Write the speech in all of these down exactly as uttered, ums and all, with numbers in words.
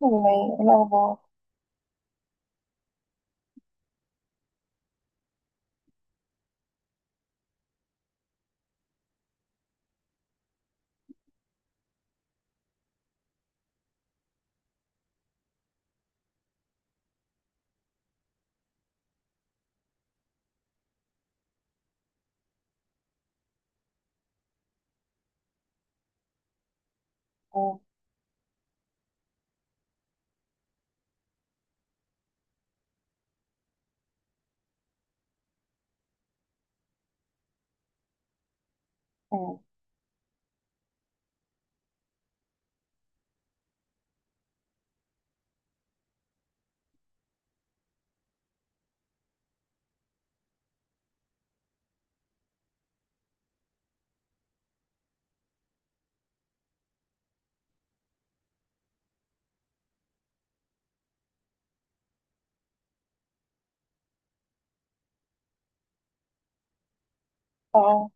والله الأخبار. أمم. اه،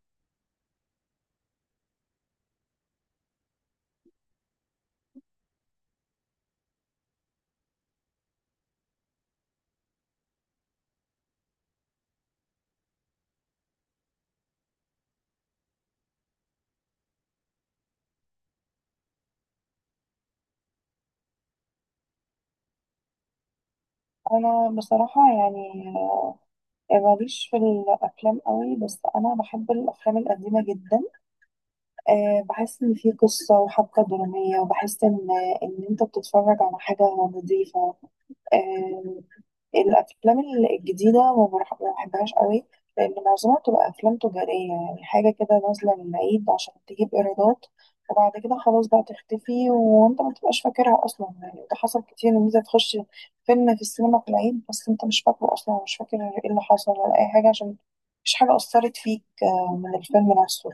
أنا بصراحة يعني ماليش في الأفلام قوي، بس أنا بحب الأفلام القديمة جدا. أه، بحس إن في قصة وحبكة درامية، وبحس إن إن أنت بتتفرج على حاجة نظيفة. آه، الافلام الجديده ما برح- ما بحبهاش قوي، لان معظمها بتبقى افلام تجاريه، يعني حاجه كده نازله للعيد عشان تجيب ايرادات، وبعد كده خلاص بقى تختفي وانت ما تبقاش فاكرها اصلا. يعني ده حصل كتير ان انت تخش فيلم في السينما في العيد، بس انت مش فاكره اصلا، مش فاكر ايه اللي حصل ولا اي حاجه، عشان مفيش حاجه اثرت فيك آه، من الفيلم نفسه.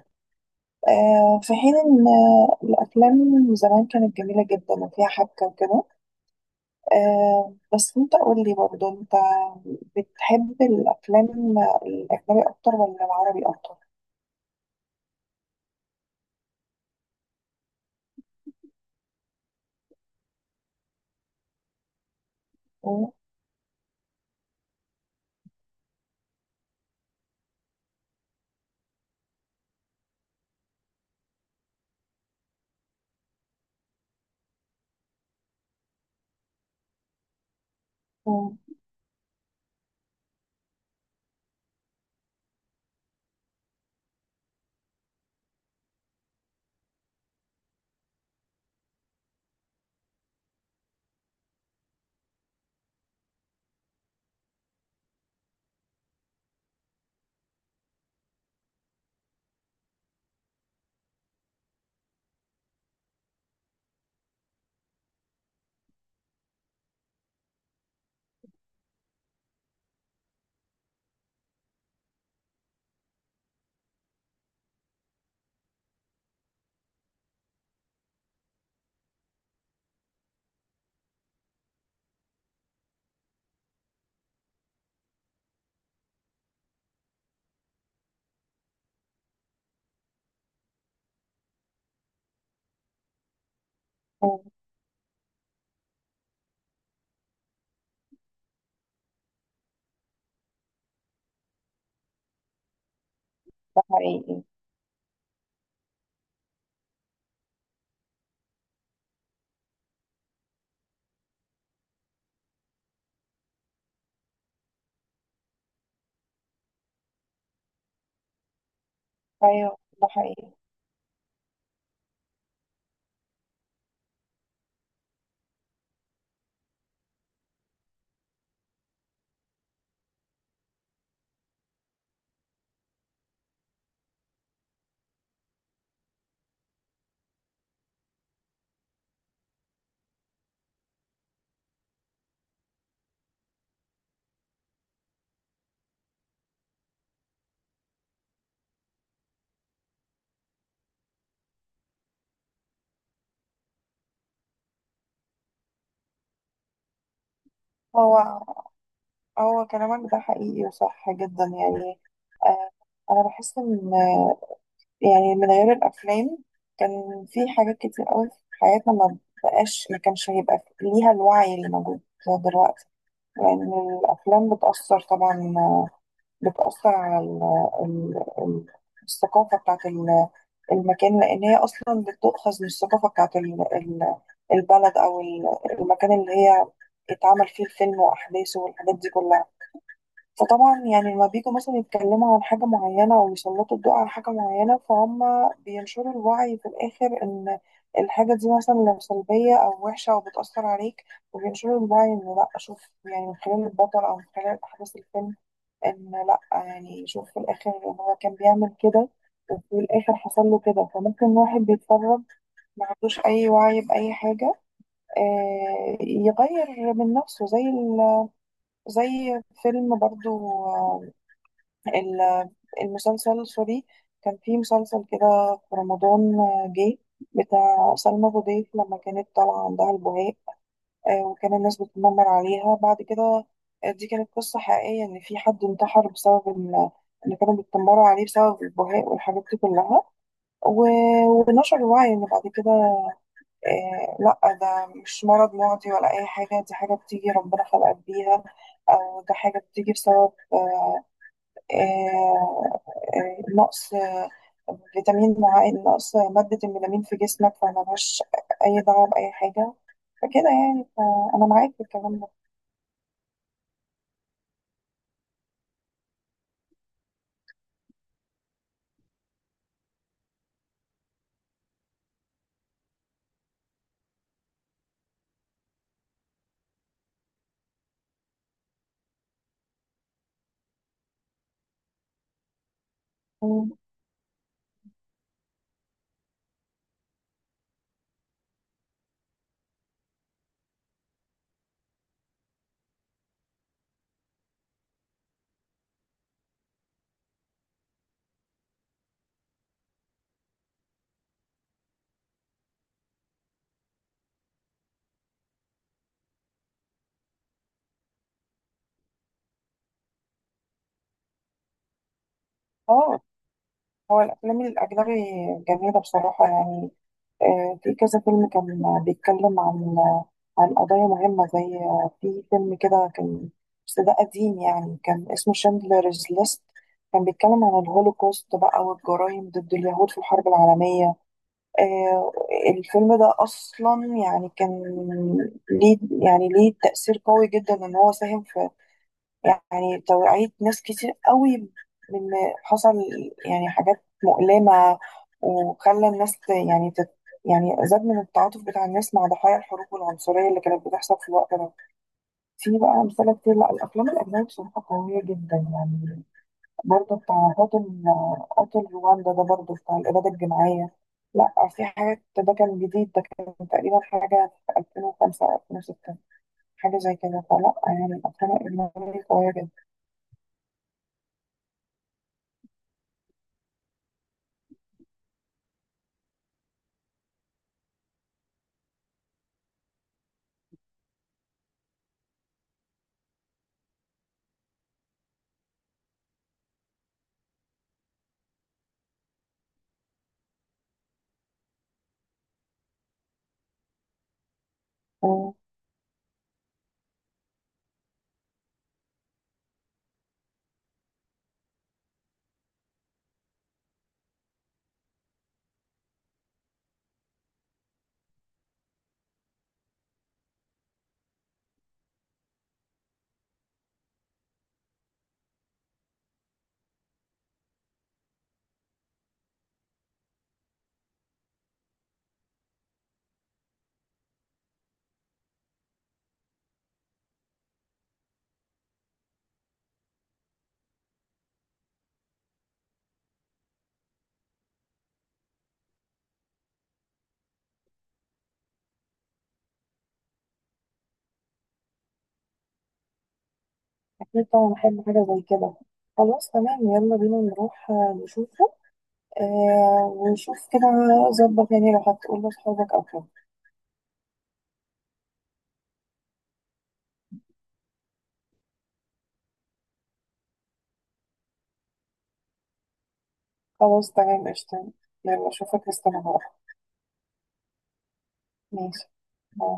آه، في حين ان آه، الافلام زمان كانت جميله جدا وفيها حبكه وكده. آه، بس انت قول لي برضه، انت بتحب الافلام الاجنبي اكتر ولا العربي اكتر؟ م- م- م. ده حقيقي. ايوه، ده حقيقي. هو هو كلامك ده حقيقي وصح جدا يعني. آه، انا بحس ان آه، يعني من غير الافلام كان في حاجات كتير قوي في حياتنا ما بقاش ما كانش هيبقى ليها الوعي اللي موجود دلوقتي، لان الافلام بتاثر طبعا، بتأثر على ال ال ال الثقافة بتاعت ال- المكان، لأن هي أصلا بتؤخذ من الثقافة بتاعت ال- ال- البلد أو ال- المكان اللي هي اتعمل فيه الفيلم وأحداثه والحاجات دي كلها. فطبعا يعني لما بيجوا مثلا يتكلموا عن حاجة معينة أو يسلطوا الضوء على حاجة معينة، فهم بينشروا الوعي في الآخر إن الحاجة دي مثلا لو سلبية أو وحشة أو بتأثر عليك، وبينشروا الوعي إن لأ شوف، يعني من خلال البطل أو من خلال أحداث الفيلم، ان لا يعني شوف في الاخر ان هو كان بيعمل كده، وفي الاخر حصل له كده، فممكن واحد بيتفرج ما عندوش اي وعي باي حاجه، آه، يغير من نفسه. زي ال- زي فيلم برضو، آه، ال- المسلسل سوري، كان في مسلسل كده في رمضان آه، جه بتاع سلمى أبو ضيف لما كانت طالعه عندها البهاء، آه، وكان الناس بتتنمر عليها بعد كده. آه، دي كانت قصة حقيقية إن في حد انتحر بسبب ال- اللي كانوا بيتنمروا عليه بسبب البهاء والحاجات دي كلها. و... ونشر الوعي إن بعد كده، آه، لأ ده مش مرض معدي ولا أي حاجة، دي حاجة بتيجي ربنا خلقك بيها، أو ده حاجة بتيجي بسبب آه آه آه نقص فيتامين معين، نقص مادة الميلامين في جسمك، فملهاش أي دعوة بأي حاجة. فكده يعني فأنا معاك في الكلام ده. اه، هو الأفلام الأجنبي جميلة بصراحة يعني. آه، في كذا فيلم كان بيتكلم عن عن قضايا مهمة، زي آه، في فيلم كده كان، بس ده قديم يعني، كان اسمه شندلرز ليست، كان بيتكلم عن الهولوكوست بقى والجرائم ضد اليهود في الحرب العالمية. آه، الفيلم ده أصلا يعني كان ليه، يعني ليه تأثير قوي جدا، إن هو ساهم في يعني توعية ناس كتير قوي من حصل يعني حاجات مؤلمة، وخلى الناس ت- يعني تت يعني زاد من التعاطف بتاع الناس مع ضحايا الحروب والعنصرية اللي كانت بتحصل في الوقت ده. في بقى أمثلة كتير، لا الأفلام الأجنبية بصراحة قوية جدا يعني. برضه بتاع قاتل قاتل رواندا، ده برضه بتاع الإبادة الجماعية. لا في حاجات، ده كان جديد، ده كان تقريبا حاجة في ألفين وخمسة أو ألفين وستة، حاجة زي كده. فلا يعني الأفلام الأجنبية قوية جدا. أكيد طبعا بحب حاجة زي كده. خلاص تمام، يلا بينا نروح آه، نشوفه. آه، ونشوف كده ظبط، يعني لو هتقول لأصحابك أو كده. خلاص تمام، قشطة. يلا أشوفك، استنى هروح. ماشي. باي.